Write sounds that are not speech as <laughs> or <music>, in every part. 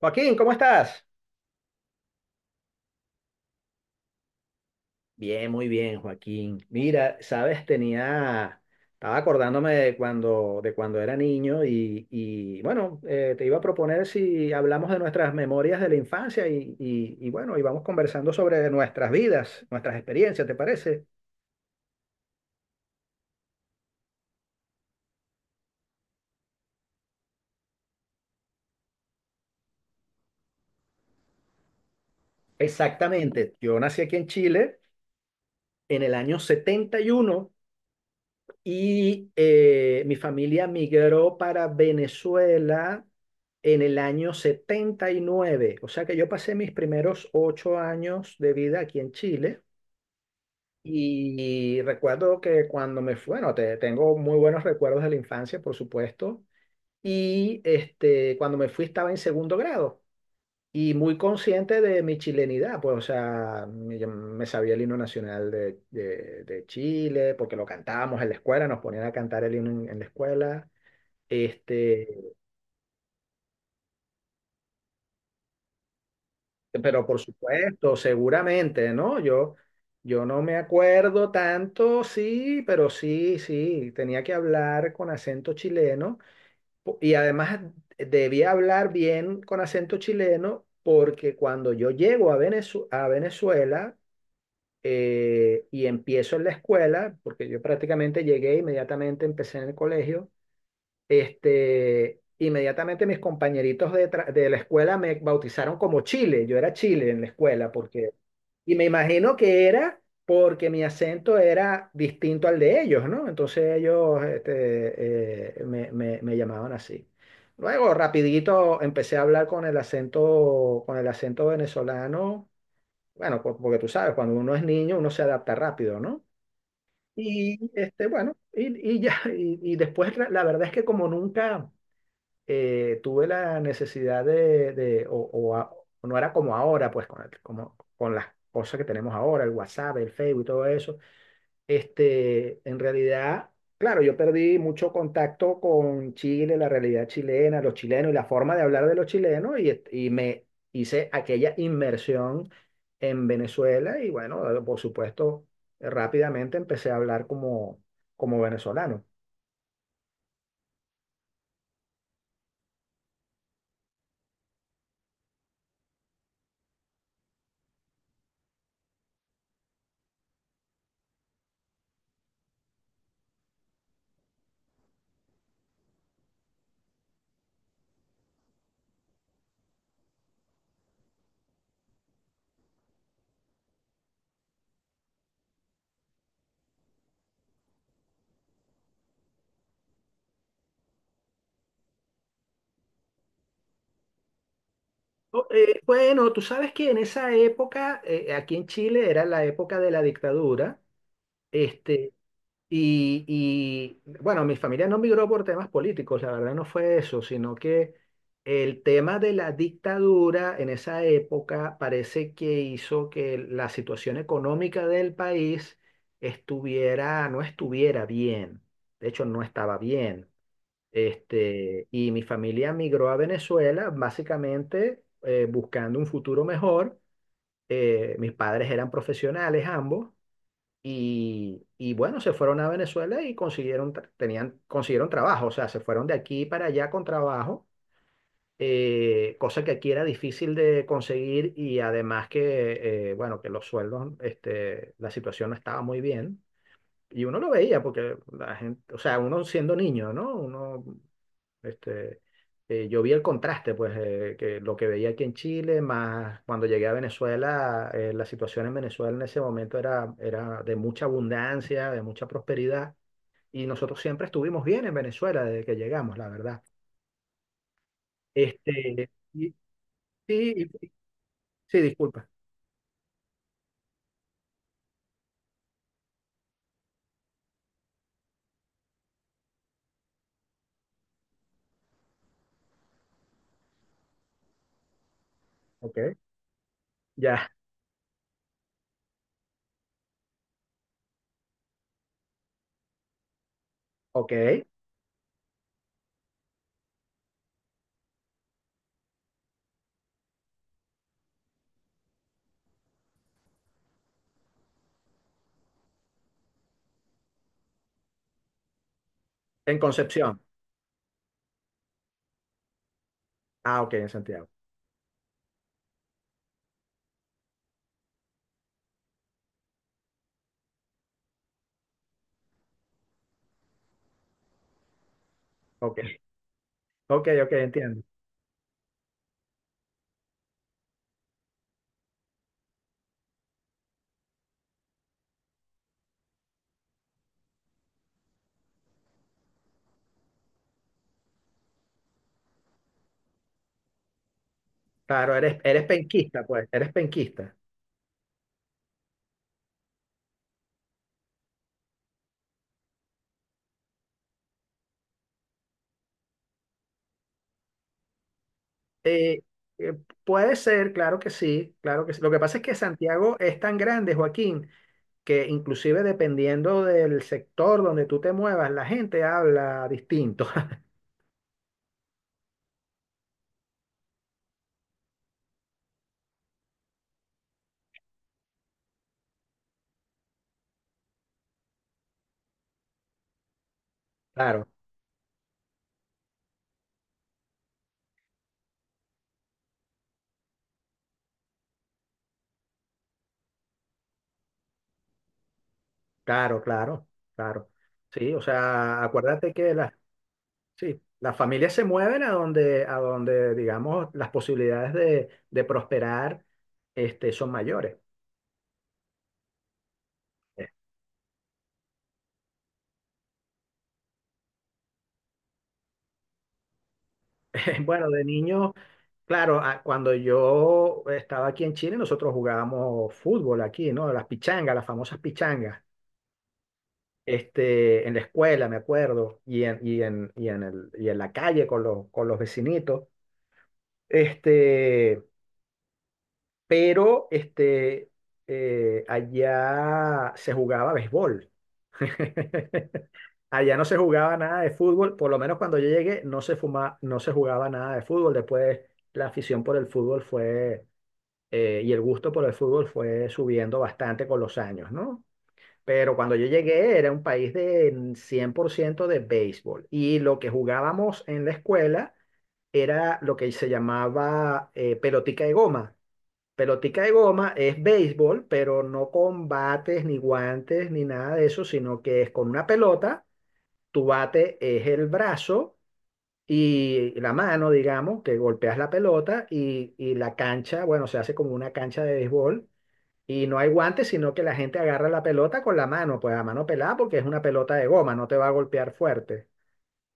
Joaquín, ¿cómo estás? Bien, muy bien, Joaquín. Mira, sabes, estaba acordándome de cuando era niño bueno, te iba a proponer si hablamos de nuestras memorias de la infancia y bueno, y vamos conversando sobre nuestras vidas, nuestras experiencias, ¿te parece? Exactamente. Yo nací aquí en Chile en el año 71. Y mi familia migró para Venezuela en el año 79. O sea que yo pasé mis primeros 8 años de vida aquí en Chile. Y recuerdo que cuando me fui, bueno, tengo muy buenos recuerdos de la infancia, por supuesto. Y cuando me fui estaba en segundo grado y muy consciente de mi chilenidad, pues, o sea, yo me sabía el himno nacional de Chile, porque lo cantábamos en la escuela, nos ponían a cantar el himno en la escuela. Este, pero por supuesto, seguramente, ¿no? Yo no me acuerdo tanto, sí, pero sí, sí, tenía que hablar con acento chileno, y además debía hablar bien con acento chileno, porque cuando yo llego a a Venezuela, y empiezo en la escuela, porque yo prácticamente llegué inmediatamente, empecé en el colegio. Inmediatamente mis compañeritos de la escuela me bautizaron como Chile, yo era Chile en la escuela, y me imagino que era porque mi acento era distinto al de ellos, ¿no? Entonces ellos me llamaban así. Luego, rapidito, empecé a hablar con el acento venezolano. Bueno, porque tú sabes, cuando uno es niño, uno se adapta rápido, ¿no? Y bueno, y ya, y después la verdad es que como nunca tuve la necesidad o no era como ahora, pues con, como, con las cosas que tenemos ahora, el WhatsApp, el Facebook y todo eso. En realidad, claro, yo perdí mucho contacto con Chile, la realidad chilena, los chilenos y la forma de hablar de los chilenos y me hice aquella inmersión en Venezuela y bueno, por supuesto, rápidamente empecé a hablar como venezolano. Oh, bueno, tú sabes que en esa época, aquí en Chile era la época de la dictadura. Este, bueno, mi familia no migró por temas políticos, la verdad no fue eso, sino que el tema de la dictadura en esa época parece que hizo que la situación económica del país estuviera, no estuviera bien, de hecho no estaba bien. Y mi familia migró a Venezuela básicamente buscando un futuro mejor. Mis padres eran profesionales ambos y bueno, se fueron a Venezuela y consiguieron trabajo, o sea, se fueron de aquí para allá con trabajo, cosa que aquí era difícil de conseguir y además que, bueno, que los sueldos, la situación no estaba muy bien. Y uno lo veía porque la gente, o sea, uno siendo niño, ¿no? Este, yo vi el contraste, pues, que lo que veía aquí en Chile, más cuando llegué a Venezuela, la situación en Venezuela en ese momento era de mucha abundancia, de mucha prosperidad, y nosotros siempre estuvimos bien en Venezuela desde que llegamos, la verdad. Este, y- sí, sí, disculpa. Ok, ya, ok. En Concepción. Ah, ok, en Santiago. Ok, ok, ok, entiendo. Claro, eres, eres penquista, pues, eres penquista. Eh, eh, Puede ser, claro que sí, claro que sí. Lo que pasa es que Santiago es tan grande, Joaquín, que inclusive dependiendo del sector donde tú te muevas, la gente habla distinto. <laughs> Claro, claro, claro, claro. Sí, o sea, acuérdate que sí, las familias se mueven a donde, digamos, las posibilidades de prosperar, son mayores. <laughs> Bueno, de niño, claro, cuando yo estaba aquí en Chile, nosotros jugábamos fútbol aquí, ¿no? Las pichangas, las famosas pichangas, en la escuela, me acuerdo, y en la calle con los vecinitos. Este, pero este, Allá se jugaba béisbol. <laughs> Allá no se jugaba nada de fútbol, por lo menos cuando yo llegué, no se jugaba nada de fútbol. Después la afición por el fútbol fue y el gusto por el fútbol fue subiendo bastante con los años, ¿no? Pero cuando yo llegué era un país de 100% de béisbol y lo que jugábamos en la escuela era lo que se llamaba pelotica de goma. Pelotica de goma es béisbol, pero no con bates ni guantes ni nada de eso, sino que es con una pelota, tu bate es el brazo y la mano, digamos, que golpeas la pelota y la cancha, bueno, se hace como una cancha de béisbol y no hay guantes, sino que la gente agarra la pelota con la mano, pues a mano pelada, porque es una pelota de goma, no te va a golpear fuerte.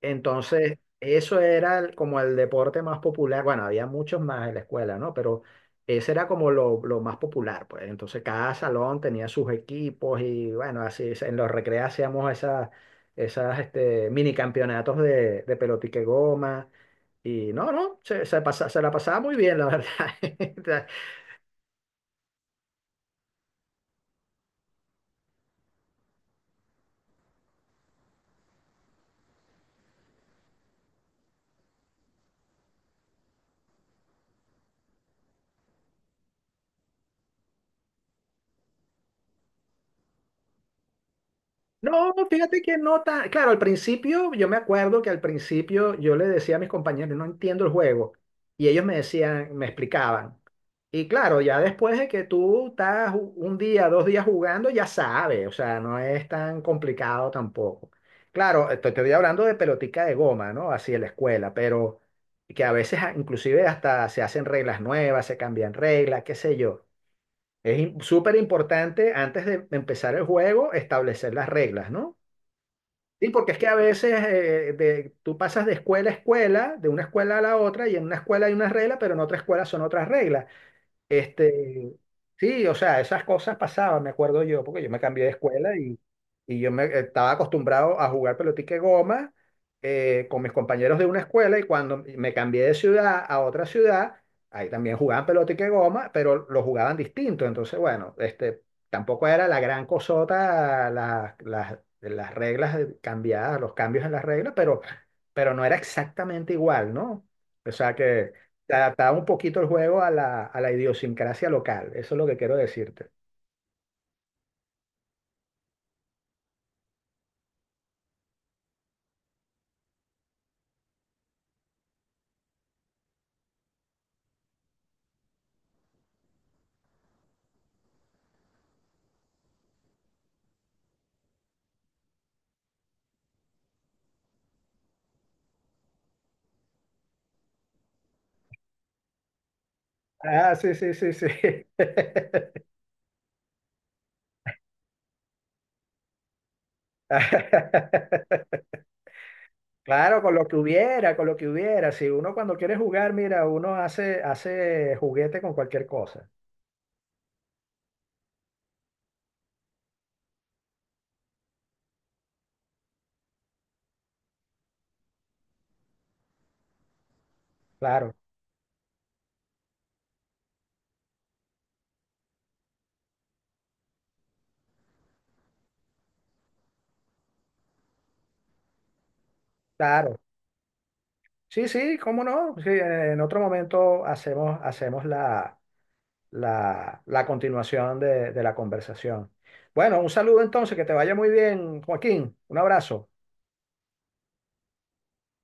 Entonces, eso era como el deporte más popular. Bueno, había muchos más en la escuela, ¿no? Pero ese era como lo más popular, pues. Entonces, cada salón tenía sus equipos y, bueno, así es, en los recreos hacíamos esas, mini campeonatos de pelotique goma. Y no, no, se la pasaba muy bien, la verdad. <laughs> No, fíjate que no tan. Claro, al principio, yo me acuerdo que al principio yo le decía a mis compañeros, no entiendo el juego. Y ellos me decían, me explicaban. Y claro, ya después de que tú estás un día, dos días jugando, ya sabes, o sea, no es tan complicado tampoco. Claro, te estoy hablando de pelotica de goma, ¿no? Así en la escuela, pero que a veces inclusive hasta se hacen reglas nuevas, se cambian reglas, qué sé yo. Es súper importante antes de empezar el juego establecer las reglas, ¿no? Sí, porque es que a veces tú pasas de escuela a escuela, de una escuela a la otra, y en una escuela hay unas reglas, pero en otra escuela son otras reglas. Este, sí, o sea, esas cosas pasaban, me acuerdo yo, porque yo me cambié de escuela y estaba acostumbrado a jugar pelotique goma con mis compañeros de una escuela y cuando me cambié de ciudad a otra ciudad, ahí también jugaban pelotique goma, pero lo jugaban distinto. Entonces, bueno, tampoco era la gran cosota las reglas cambiadas, los cambios en las reglas, pero, no era exactamente igual, ¿no? O sea que se adaptaba un poquito el juego a la idiosincrasia local. Eso es lo que quiero decirte. Ah, sí, sí, sí, sí. <laughs> Claro, con lo que hubiera, con lo que hubiera. Si uno cuando quiere jugar, mira, uno hace, hace juguete con cualquier cosa. Claro, claro. Sí, sí, cómo no. Sí, en otro momento hacemos la continuación de la conversación. Bueno, un saludo entonces, que te vaya muy bien, Joaquín. Un abrazo.